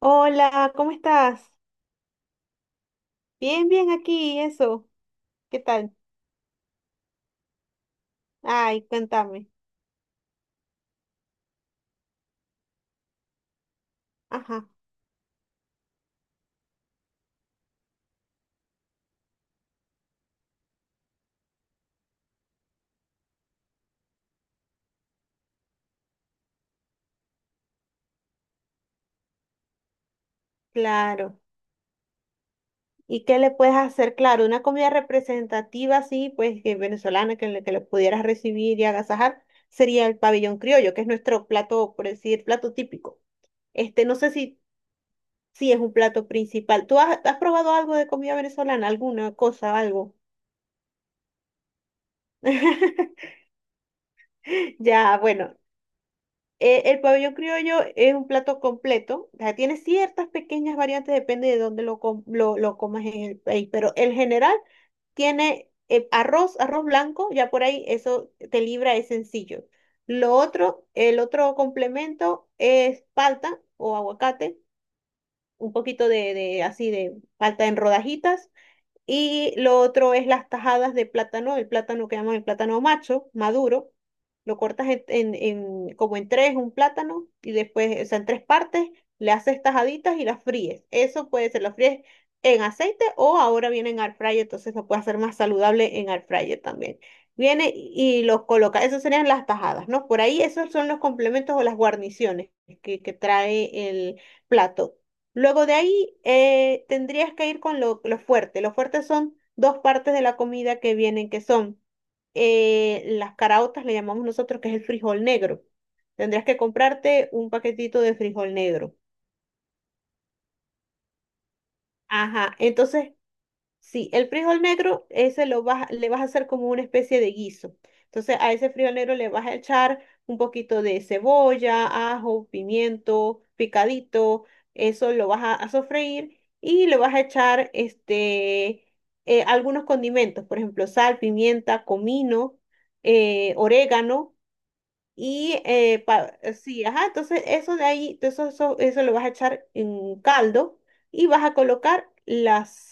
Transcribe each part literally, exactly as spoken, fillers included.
Hola, ¿cómo estás? Bien, bien aquí, eso. ¿Qué tal? Ay, cuéntame. Ajá, claro. ¿Y qué le puedes hacer? Claro, una comida representativa así, pues que venezolana, que le, que le pudieras recibir y agasajar, sería el pabellón criollo, que es nuestro plato, por decir, plato típico. Este, no sé si, si es un plato principal. ¿Tú has, has probado algo de comida venezolana? ¿Alguna cosa, algo? Ya, bueno, Eh, el pabellón criollo es un plato completo, o sea, tiene ciertas pequeñas variantes, depende de dónde lo, com- lo, lo comas en el país, pero en general tiene eh, arroz, arroz blanco, ya por ahí eso te libra, es sencillo. Lo otro, el otro complemento es palta o aguacate, un poquito de, de así de palta en rodajitas, y lo otro es las tajadas de plátano, el plátano que llaman el plátano macho, maduro. Lo cortas en, en- en- como en tres, un plátano, y después, o sea, en tres partes, le haces tajaditas y las fríes. Eso puede ser, las fríes en aceite o ahora viene en air fryer, entonces lo puedes hacer más saludable en air fryer también. Viene y los coloca. Esas serían las tajadas, ¿no? Por ahí esos son los complementos o las guarniciones que, que trae el plato. Luego de ahí eh, tendrías que ir con lo, lo fuerte. Lo fuerte son dos partes de la comida que vienen, que son eh, las caraotas, le llamamos nosotros, que es el frijol negro. Tendrías que comprarte un paquetito de frijol negro. Ajá, entonces sí, el frijol negro, ese lo vas, le vas a hacer como una especie de guiso. Entonces, a ese frijol negro le vas a echar un poquito de cebolla, ajo, pimiento, picadito. Eso lo vas a, a sofreír y le vas a echar este, eh, algunos condimentos, por ejemplo, sal, pimienta, comino, eh, orégano y eh, pa- sí, ajá. Entonces, eso de ahí, eso, eso, eso lo vas a echar en un caldo y vas a colocar las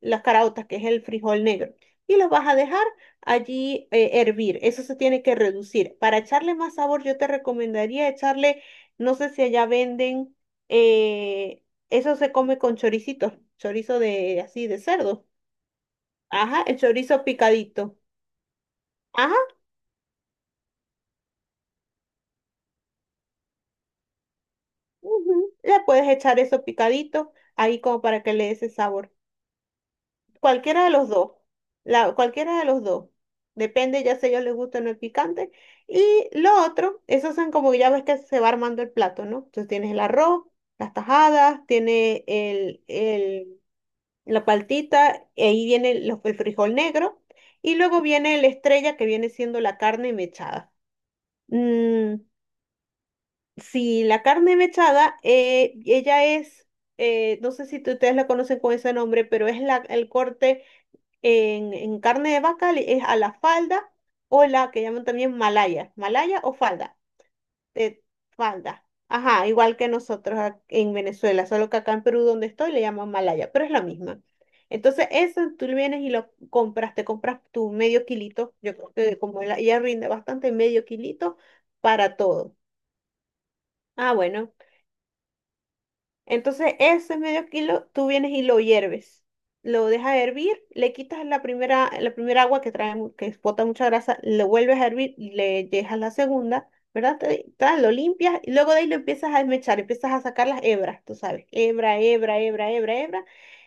las caraotas que es el frijol negro, y los vas a dejar allí eh, hervir. Eso se tiene que reducir. Para echarle más sabor, yo te recomendaría echarle, no sé si allá venden, eh, eso se come con choricitos, chorizo de así de cerdo. Ajá, el chorizo picadito. Ajá, ujú, le puedes echar eso picadito ahí como para que le dé ese sabor. Cualquiera de los dos, la, cualquiera de los dos. Depende ya si a ellos les gusta o no el picante. Y lo otro, esos son como ya ves que se va armando el plato, ¿no? Entonces tienes el arroz, las tajadas, tiene el, el- la paltita, y ahí viene los- el frijol negro. Y luego viene la estrella que viene siendo la carne mechada. Mm, sí, la carne mechada, eh, ella es, eh, no sé si tú- ustedes la conocen con ese nombre, pero es la, el corte en, en carne de vaca le- es a la falda o la que llaman también malaya, malaya o falda, de falda. Ajá, igual que nosotros ac- en Venezuela, solo que acá en Perú donde estoy le llaman malaya, pero es la misma. Entonces, eso tú vienes y lo compras, te compras tu medio kilito, yo creo que como la- ella rinde bastante, medio kilito para todo. Ah, bueno. Entonces, ese medio kilo tú vienes y lo hierves. Lo dejas hervir, le quitas la primera, la primera agua que trae, mu- que bota mucha grasa, lo vuelves a hervir, le dejas la segunda, ¿verdad? Te- tal, lo limpias y luego de ahí lo empiezas a desmechar, empiezas a sacar las hebras, tú sabes, hebra, hebra, hebra, hebra, hebra.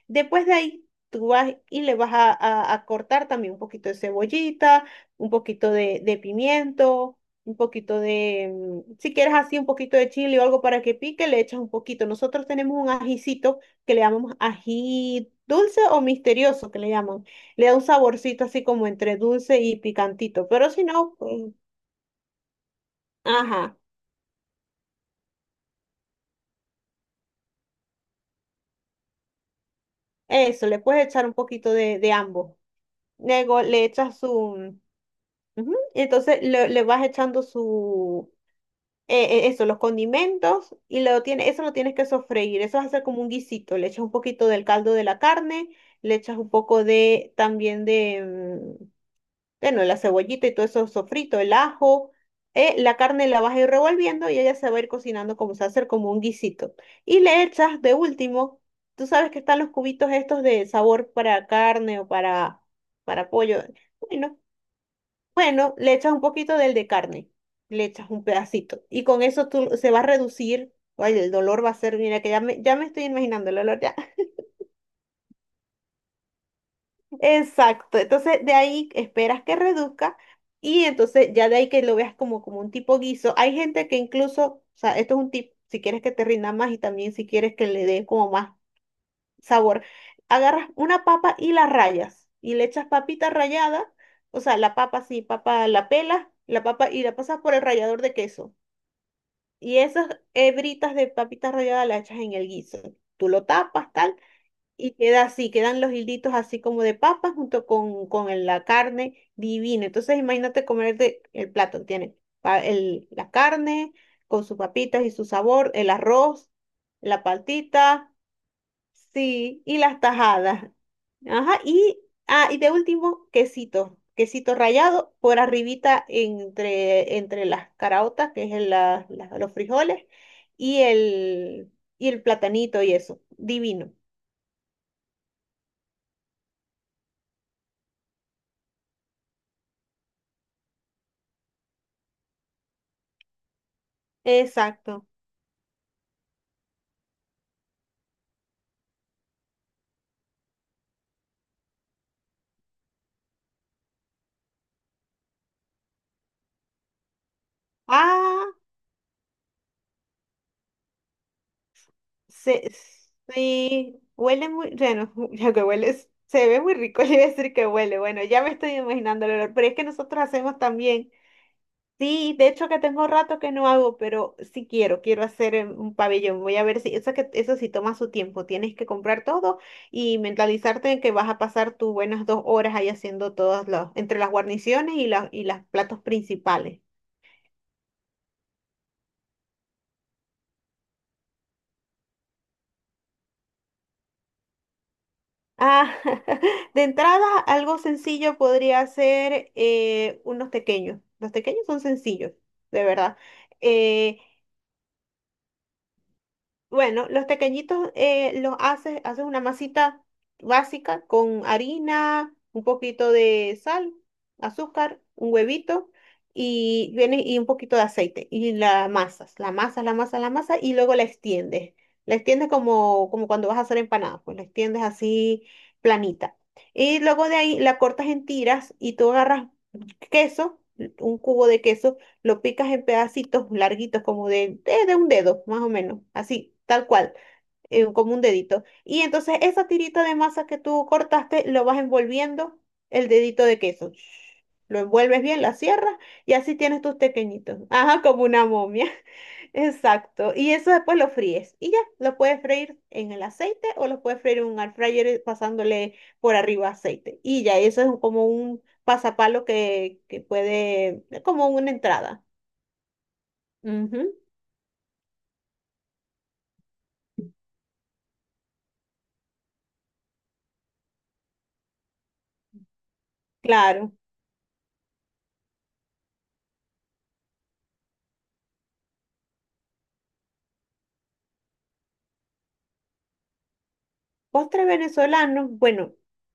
Después de ahí tú vas y le vas a, a- a cortar también un poquito de cebollita, un poquito de, de pimiento, un poquito de, mm, si quieres así, un poquito de chile o algo para que pique, le echas un poquito. Nosotros tenemos un ajicito que le llamamos ají dulce o misterioso, que le llaman. Le da un saborcito así como entre dulce y picantito, pero si no, pues, ajá, eso, le puedes echar un poquito de, de ambos. Luego le echas su, mm, ujú, entonces le, le vas echando su eh, eh, eso, los condimentos, y lo tiene, eso lo tienes que sofreír, eso vas a hacer como un guisito, le echas un poquito del caldo de la carne, le echas un poco de, también de, mm, bueno, la cebollita y todo eso sofrito, el ajo, eh, la carne la vas a ir revolviendo y ella se va a ir cocinando como se va a hacer como un guisito. Y le echas de último, tú sabes que están los cubitos estos de sabor para carne o para, para pollo, bueno, bueno, le echas un poquito del de carne, le echas un pedacito y con eso tú se va a reducir. Oye, el dolor va a ser, mira que ya me, ya me estoy imaginando el olor ya. Exacto, entonces de ahí esperas que reduzca y entonces ya de ahí que lo veas como, como un tipo guiso. Hay gente que incluso, o sea, esto es un tip, si quieres que te rinda más y también si quieres que le dé como más sabor, agarras una papa y la rayas y le echas papita rallada, o sea, la papa sí, papa la pelas, la papa y la pasas por el rallador de queso. Y esas hebritas de papita rallada las echas en el guiso. Tú lo tapas, tal, y queda así, quedan los hilditos así como de papas junto con, con el- la carne divina. Entonces imagínate comerte el plato, tiene pa- el, la carne con sus papitas y su sabor, el arroz, la paltita, sí, y las tajadas. Ajá, y, ah, y de último, quesito. Quesito rallado por arribita entre, entre las caraotas, que es el- la- la- los frijoles, y el, y el platanito y eso. Divino. Exacto. Ah, se, sí, huele muy, bueno, ya que huele, se ve muy rico, le iba a decir que huele. Bueno, ya me estoy imaginando el olor, pero es que nosotros hacemos también. Sí, de hecho que tengo rato que no hago, pero sí quiero, quiero hacer eh, un pabellón. Voy a ver si eso que eso sí toma su tiempo. Tienes que comprar todo y mentalizarte en que vas a pasar tus buenas dos horas ahí haciendo todas las, entre las guarniciones y las y los platos principales. Ah, de entrada, algo sencillo podría ser eh, unos pequeños. Los pequeños son sencillos, de verdad. Eh, Bueno, los tequeñitos eh, los haces, haces una masita básica con harina, un poquito de sal, azúcar, un huevito y viene y un poquito de aceite y la amasas, la amasas, la amasas, la amasas y luego la extiendes. La extiendes como, como cuando vas a hacer empanadas, pues la extiendes así planita. Y luego de ahí la cortas en tiras y tú agarras queso, un cubo de queso lo picas en pedacitos larguitos, como de, de, de un dedo, más o menos, así, tal cual, eh, como un dedito. Y entonces esa tirita de masa que tú cortaste, lo vas envolviendo el dedito de queso. Lo envuelves bien, la cierras y así tienes tus pequeñitos. Ajá, como una momia. Exacto. Y eso después lo fríes. Y ya, lo puedes freír en el aceite o lo puedes freír en un air fryer eh, pasándole por arriba aceite. Y ya, eso es como un pasapalo que, que puede, es como una entrada. Ujú, claro. Postre venezolano, bueno,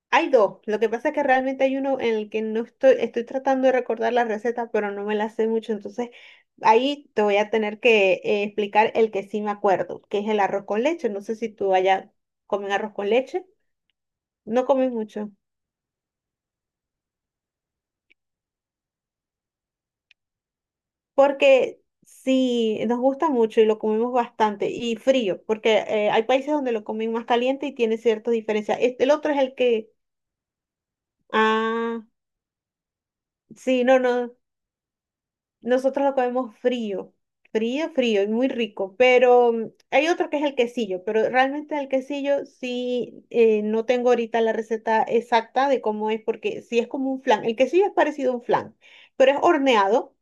hay dos. Lo que pasa es que realmente hay uno en el que no estoy, estoy tratando de recordar la receta, pero no me la sé mucho. Entonces, ahí te voy a tener que eh, explicar el que sí me acuerdo, que es el arroz con leche. No sé si tú allá comen arroz con leche. No comen mucho, porque sí, nos gusta mucho y lo comemos bastante. Y frío, porque eh, hay países donde lo comen más caliente y tiene ciertas diferencias. Este, el otro es el que... Ah, sí, no, no. Nosotros lo comemos frío, frío, frío y muy rico, pero mm, hay otro que es el quesillo, pero realmente el quesillo sí, eh, no tengo ahorita la receta exacta de cómo es, porque sí es como un flan. El quesillo es parecido a un flan, pero es horneado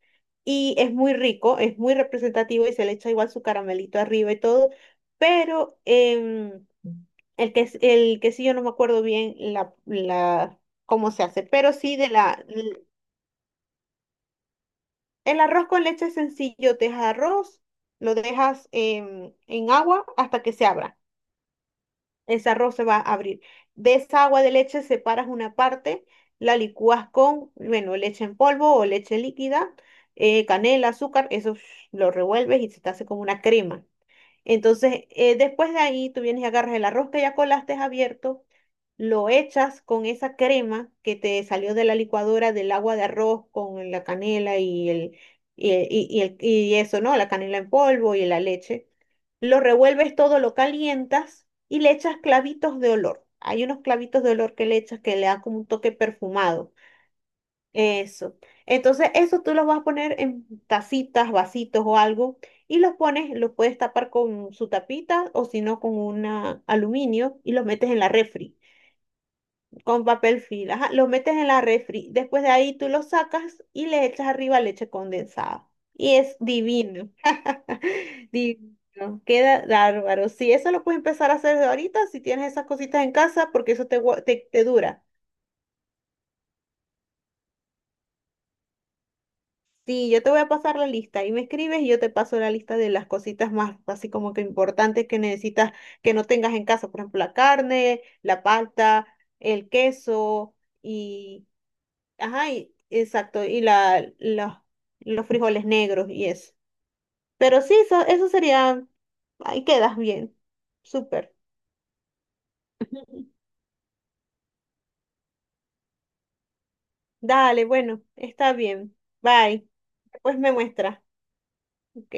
y es muy rico, es muy representativo y se le echa igual su caramelito arriba y todo, pero em, el que, el quesillo no me acuerdo bien la, la, cómo se hace, pero sí de la, el arroz con leche es sencillo, te dejas arroz, lo dejas en, en agua hasta que se abra. Ese arroz se va a abrir. De esa agua de leche separas una parte, la licúas con, bueno, leche en polvo o leche líquida, eh, canela, azúcar, eso sh, lo revuelves y se te hace como una crema. Entonces, eh, después de ahí, tú vienes y agarras el arroz que ya colaste abierto, lo echas con esa crema que te salió de la licuadora del agua de arroz con la canela y el, y, y- y el- y eso, ¿no? La canela en polvo y la leche. Lo revuelves todo, lo calientas y le echas clavitos de olor. Hay unos clavitos de olor que le echas que le dan como un toque perfumado. Eso. Entonces, eso tú los vas a poner en tacitas, vasitos o algo y los pones, los puedes tapar con su tapita o si no con un aluminio y los metes en la refri con papel film. Ajá, los metes en la refri. Después de ahí tú los sacas y le echas arriba leche condensada. Y es divino. Divino. Queda bárbaro. Sí, eso lo puedes empezar a hacer de ahorita si tienes esas cositas en casa porque eso te, gua- te te dura. Sí, yo te voy a pasar la lista y me escribes y yo te paso la lista de las cositas más así como que importantes que necesitas que no tengas en casa, por ejemplo, la carne, la palta, el queso y, ajá, y- exacto, y la, la- los frijoles negros y eso. Pero sí, eso, eso sería, ahí quedas bien, súper. Dale, bueno, está bien, bye. Después me muestra, ok.